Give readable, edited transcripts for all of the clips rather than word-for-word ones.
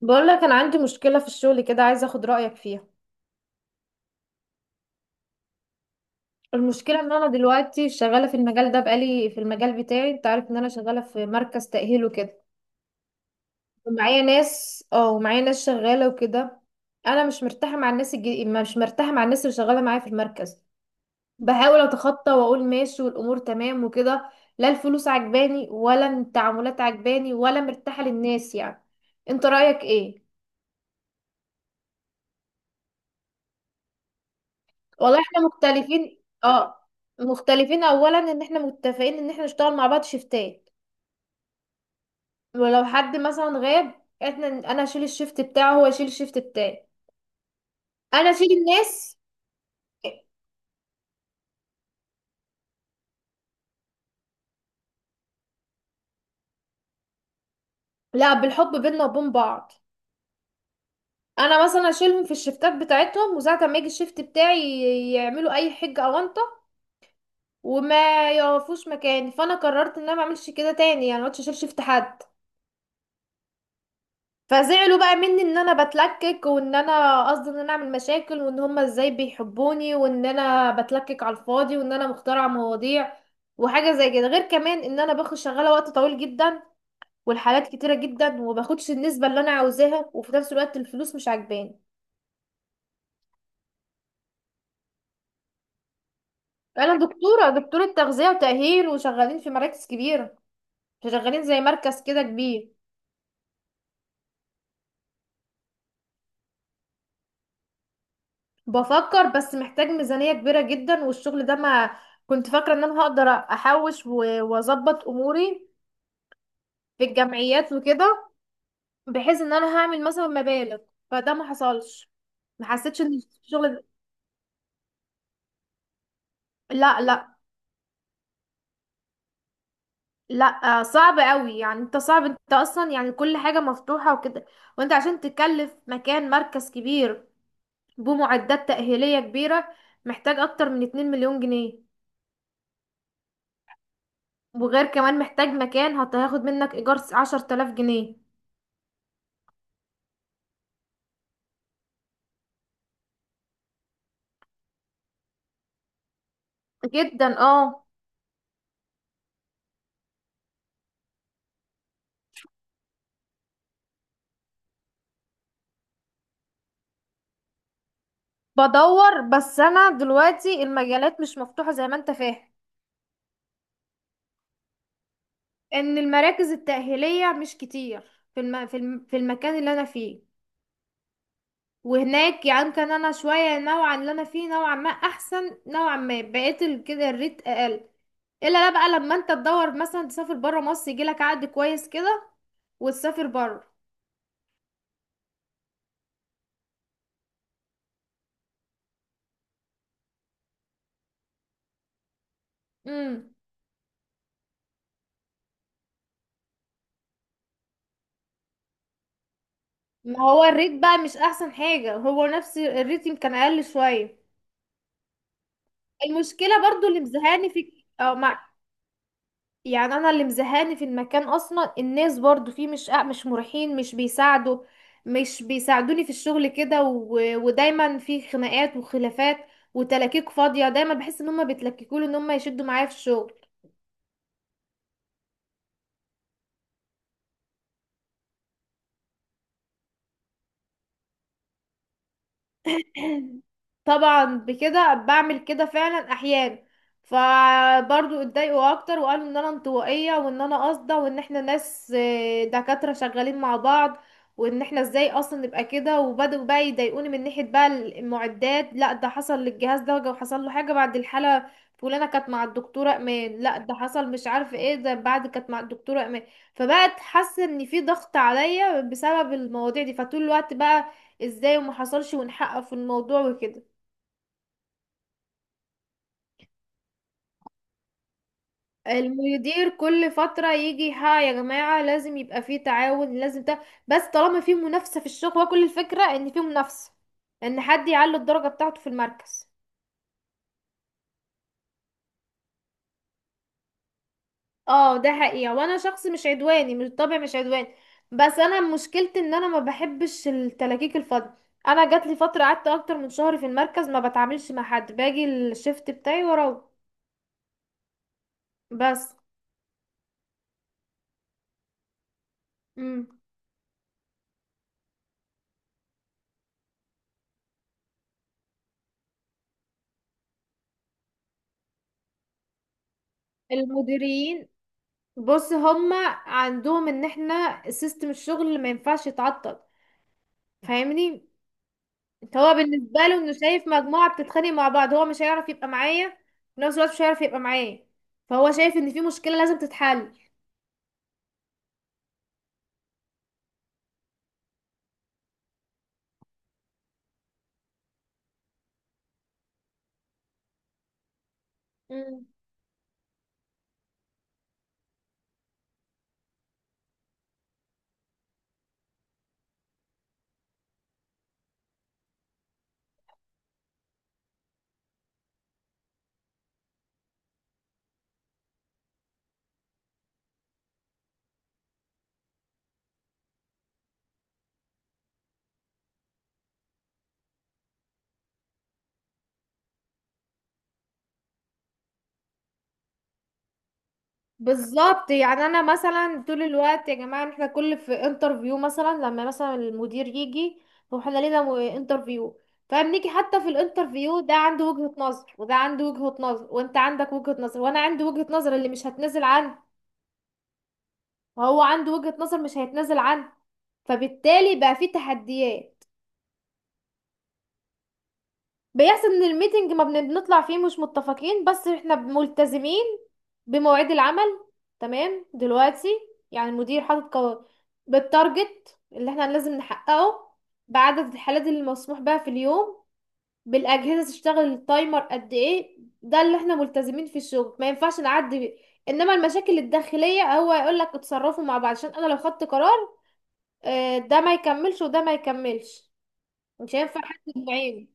بقول لك انا عندي مشكله في الشغل كده، عايزه اخد رايك فيها. المشكله ان انا دلوقتي شغاله في المجال ده، بقالي في المجال بتاعي. انت عارف ان انا شغاله في مركز تاهيل وكده. ومعايا ناس شغاله وكده. انا مش مرتاحه مع الناس مش مرتاحه مع الناس اللي شغاله معايا في المركز. بحاول اتخطى واقول ماشي والامور تمام وكده. لا الفلوس عجباني، ولا التعاملات عجباني، ولا مرتاحه للناس يعني. انت رايك ايه؟ والله احنا مختلفين اه. مختلفين، اولا ان احنا متفقين ان احنا نشتغل مع بعض شيفتات. ولو حد مثلا غاب، احنا اشيل الشيفت بتاعه، هو يشيل الشيفت بتاعي. انا اشيل الناس. لا، بالحب بينا وبين بعض. انا مثلا اشيلهم في الشيفتات بتاعتهم، وساعه ما يجي الشيفت بتاعي يعملوا اي حجه او انطه، وما يقفوش مكاني. فانا قررت ان انا ما اعملش كده تاني، يعني ما عدتش اشيل شيفت حد. فزعلوا بقى مني ان انا بتلكك، وان انا قصدي ان انا اعمل مشاكل، وان هما ازاي بيحبوني، وان انا بتلكك على الفاضي، وان انا مخترعة مواضيع وحاجة زي كده. غير كمان ان انا باخد شغالة وقت طويل جدا، والحالات كتيرة جدا، وماخدش النسبة اللي انا عاوزاها، وفي نفس الوقت الفلوس مش عاجباني. انا دكتورة تغذية وتأهيل، وشغالين في مراكز كبيرة، شغالين زي مركز كده كبير. بفكر، بس محتاج ميزانية كبيرة جدا، والشغل ده ما... كنت فاكرة ان انا هقدر احوش واظبط اموري في الجمعيات وكده، بحيث ان انا هعمل مثلا مبالغ. فده ما حصلش، ما حسيتش ان الشغل... لا لا لا. آه، صعب قوي يعني. انت صعب، انت اصلا يعني كل حاجة مفتوحة وكده. وانت عشان تكلف مكان مركز كبير بمعدات تأهيلية كبيرة، محتاج اكتر من 2 مليون جنيه. وغير كمان محتاج مكان هياخد منك ايجار 10 آلاف جنيه. جدا اه. بدور، بس انا دلوقتي المجالات مش مفتوحة زي ما انت فاهم. ان المراكز التأهيلية مش كتير في المكان اللي انا فيه. وهناك يعني كان انا شوية نوعا، اللي انا فيه نوعا ما احسن، نوعا ما بقيت كده الريت اقل. الا لا، بقى لما انت تدور مثلا تسافر برا مصر يجيلك عقد كويس كده وتسافر برا. امم. ما هو الريت بقى مش احسن حاجة، هو نفس الريت يمكن اقل شوية. المشكلة برضو اللي مزهقاني في مع... يعني انا اللي مزهقاني في المكان اصلا الناس برضو فيه، مش مش مريحين، مش بيساعدوا، مش بيساعدوني في الشغل كده ودايما في خناقات وخلافات وتلاكيك فاضية. دايما بحس ان هما بيتلككوا لي، ان هما يشدوا معايا في الشغل. طبعا بكده، بعمل كده فعلا احيان. فبرضو اتضايقوا اكتر وقالوا ان انا انطوائيه، وان انا قاصده، وان احنا ناس آه، دكاتره شغالين مع بعض، وان احنا ازاي اصلا نبقى كده. وبدأوا بقى يضايقوني من ناحيه بقى المعدات. لا، ده حصل للجهاز ده وحصل له حاجه بعد الحاله فلانه كانت مع الدكتوره امان. لا، ده حصل مش عارفه ايه ده بعد كانت مع الدكتوره امان. فبقت حاسه ان في ضغط عليا بسبب المواضيع دي، فطول الوقت بقى ازاي وما حصلش ونحقق في الموضوع وكده. المدير كل فترة يجي: ها يا جماعة لازم يبقى فيه تعاون، لازم ده. بس طالما فيه منافسة في الشغل، وكل الفكرة ان فيه منافسة ان حد يعلي الدرجة بتاعته في المركز. اه ده حقيقة. وانا شخص مش عدواني من الطبع، مش عدواني. بس انا مشكلتي ان انا ما بحبش التلاكيك الفاضية. انا جات لي فترة قعدت اكتر من شهر في المركز ما بتعاملش مع حد، باجي الشفت بتاعي واروح. بس. مم. المديرين، بص هما عندهم ان احنا سيستم الشغل ما ينفعش يتعطل. فاهمني، هو بالنسبه له انه شايف مجموعه بتتخانق مع بعض، هو مش هيعرف يبقى معايا. في نفس الوقت مش هيعرف يبقى معايا. فهو شايف ان في مشكله لازم تتحل. مم. بالظبط. يعني انا مثلا طول الوقت يا جماعه، احنا كل في انترفيو مثلا لما مثلا المدير يجي، هو احنا لينا انترفيو، فبنيجي حتى في الانترفيو ده، عنده وجهه نظر، وده عنده وجهه نظر، وانت عندك وجهه نظر، وانا عندي وجهه نظر اللي مش هتنزل عندي، وهو عنده وجهة نظر مش هيتنازل عنها. فبالتالي بقى فيه تحديات. بيحصل ان الميتنج ما بن- بنطلع فيه مش متفقين، بس احنا ملتزمين بمواعيد العمل. تمام دلوقتي، يعني المدير حاطط بالتارجت اللي احنا لازم نحققه، بعدد الحالات اللي مسموح بها في اليوم، بالاجهزه تشتغل التايمر قد ايه. ده اللي احنا ملتزمين في الشغل ما ينفعش نعدي بيه. انما المشاكل الداخليه هو يقول لك اتصرفوا مع بعض، عشان انا لو خدت قرار آه، ده ما يكملش وده ما يكملش، مش هينفع حد بعينه.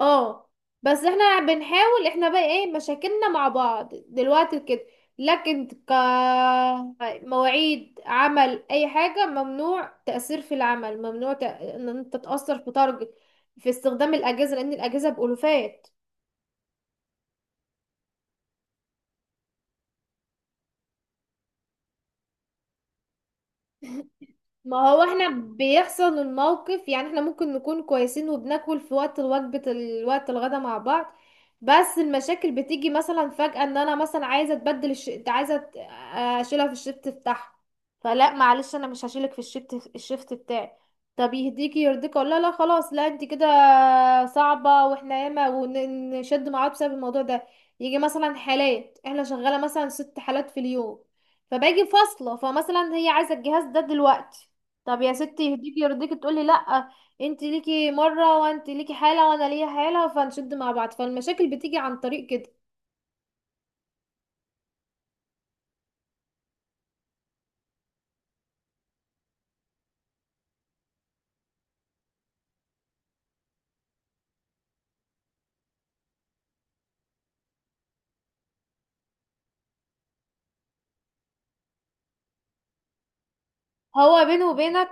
اه. بس احنا بنحاول. احنا بقى ايه مشاكلنا مع بعض دلوقتي كده، لكن مواعيد عمل اي حاجة ممنوع. تأثير في العمل ممنوع، ان انت تتأثر في تارجت، في استخدام الأجهزة، لأن الأجهزة بألوفات. ما هو احنا بيحصل الموقف، يعني احنا ممكن نكون كويسين، وبناكل في وقت الوجبة الوقت الغدا مع بعض. بس المشاكل بتيجي مثلا فجأة. ان انا مثلا عايزة اتبدل انت عايزة اشيلها في الشيفت بتاعها. فلا معلش انا مش هشيلك في الشيفت بتاعي. طب يهديكي يرضيك اقول لها لا خلاص، لا انت كده صعبة. واحنا ياما ونشد مع بعض بسبب الموضوع ده. يجي مثلا حالات احنا شغالة مثلا 6 حالات في اليوم، فباجي فاصلة، فمثلا هي عايزة الجهاز ده دلوقتي. طب يا ستي يهديكي يرضيكي تقولي لا، انت ليكي مرة وانت ليكي حالة وانا ليا حالة، فنشد مع بعض. فالمشاكل بتيجي عن طريق كده. هو بينه وبينك.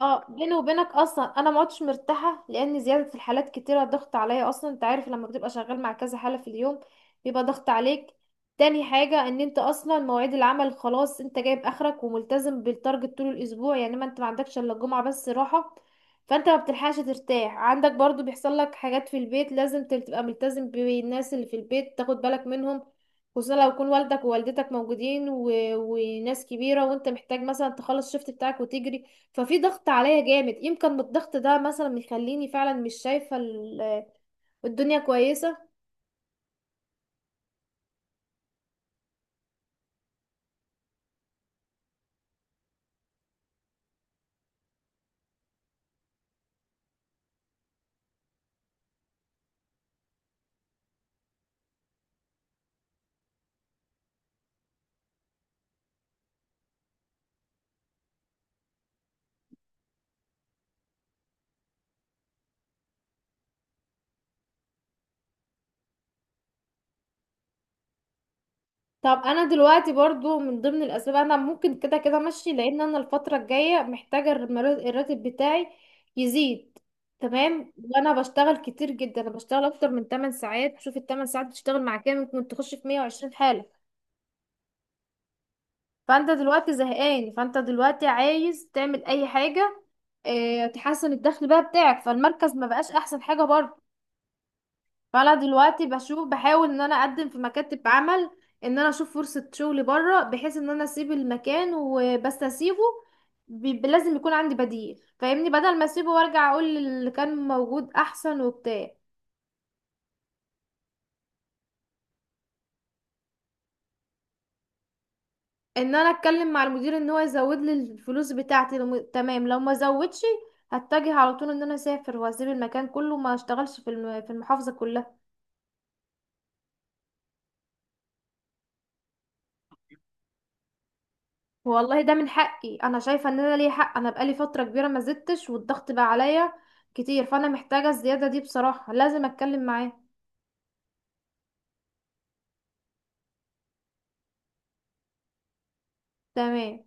اه، بيني وبينك اصلا انا ما عدتش مرتاحه، لان زياده الحالات كتيره ضغط عليا اصلا. انت عارف لما بتبقى شغال مع كذا حاله في اليوم بيبقى ضغط عليك. تاني حاجه ان انت اصلا مواعيد العمل خلاص، انت جايب اخرك وملتزم بالتارجت طول الاسبوع، يعني ما انت ما عندكش الا الجمعه بس راحه. فانت ما بتلحقش ترتاح. عندك برضو بيحصل لك حاجات في البيت لازم تبقى ملتزم بالناس اللي في البيت تاخد بالك منهم، خصوصا لو يكون والدك ووالدتك موجودين وناس كبيره، وانت محتاج مثلا تخلص الشفت بتاعك وتجري. ففي ضغط عليا جامد، يمكن من الضغط ده مثلا يخليني فعلا مش شايفة الدنيا كويسة. طب انا دلوقتي برضو من ضمن الاسباب انا ممكن كده كده ماشي، لان انا الفترة الجاية محتاجة الراتب بتاعي يزيد. تمام، وانا بشتغل كتير جدا، انا بشتغل اكتر من 8 ساعات. شوف ال 8 ساعات بتشتغل مع كام، ممكن تخش في 120 حالة. فانت دلوقتي زهقان، فانت دلوقتي عايز تعمل اي حاجة، اه تحسن الدخل بقى بتاعك. فالمركز ما بقاش احسن حاجة برضه. فانا دلوقتي بشوف، بحاول ان انا اقدم في مكاتب عمل، ان انا اشوف فرصة شغل بره، بحيث ان انا اسيب المكان. وبس اسيبه بيبقى لازم يكون عندي بديل فاهمني، بدل ما اسيبه وارجع اقول اللي كان موجود احسن وبتاع. ان انا اتكلم مع المدير ان هو يزود لي الفلوس بتاعتي، لو تمام. لو ما زودش هتجه على طول ان انا اسافر واسيب المكان كله، ما اشتغلش في في المحافظة كلها. والله ده من حقي، انا شايفه ان انا ليا حق، انا بقالي فتره كبيره ما زدتش، والضغط بقى عليا كتير. فانا محتاجه الزياده دي بصراحه، لازم اتكلم معاه. تمام.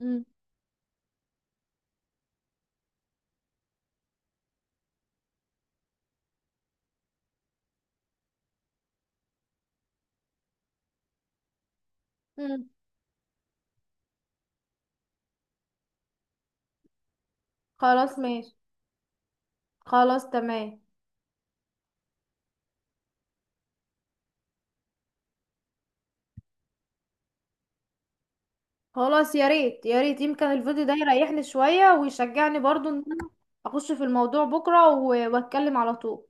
مم. مم. خلاص ماشي. خلاص تمام. خلاص يا ريت يا ريت، يمكن الفيديو ده يريحني شويه ويشجعني برضو ان انا اخش في الموضوع بكره واتكلم على طول.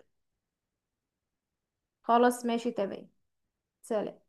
خلاص ماشي تمام. سلام.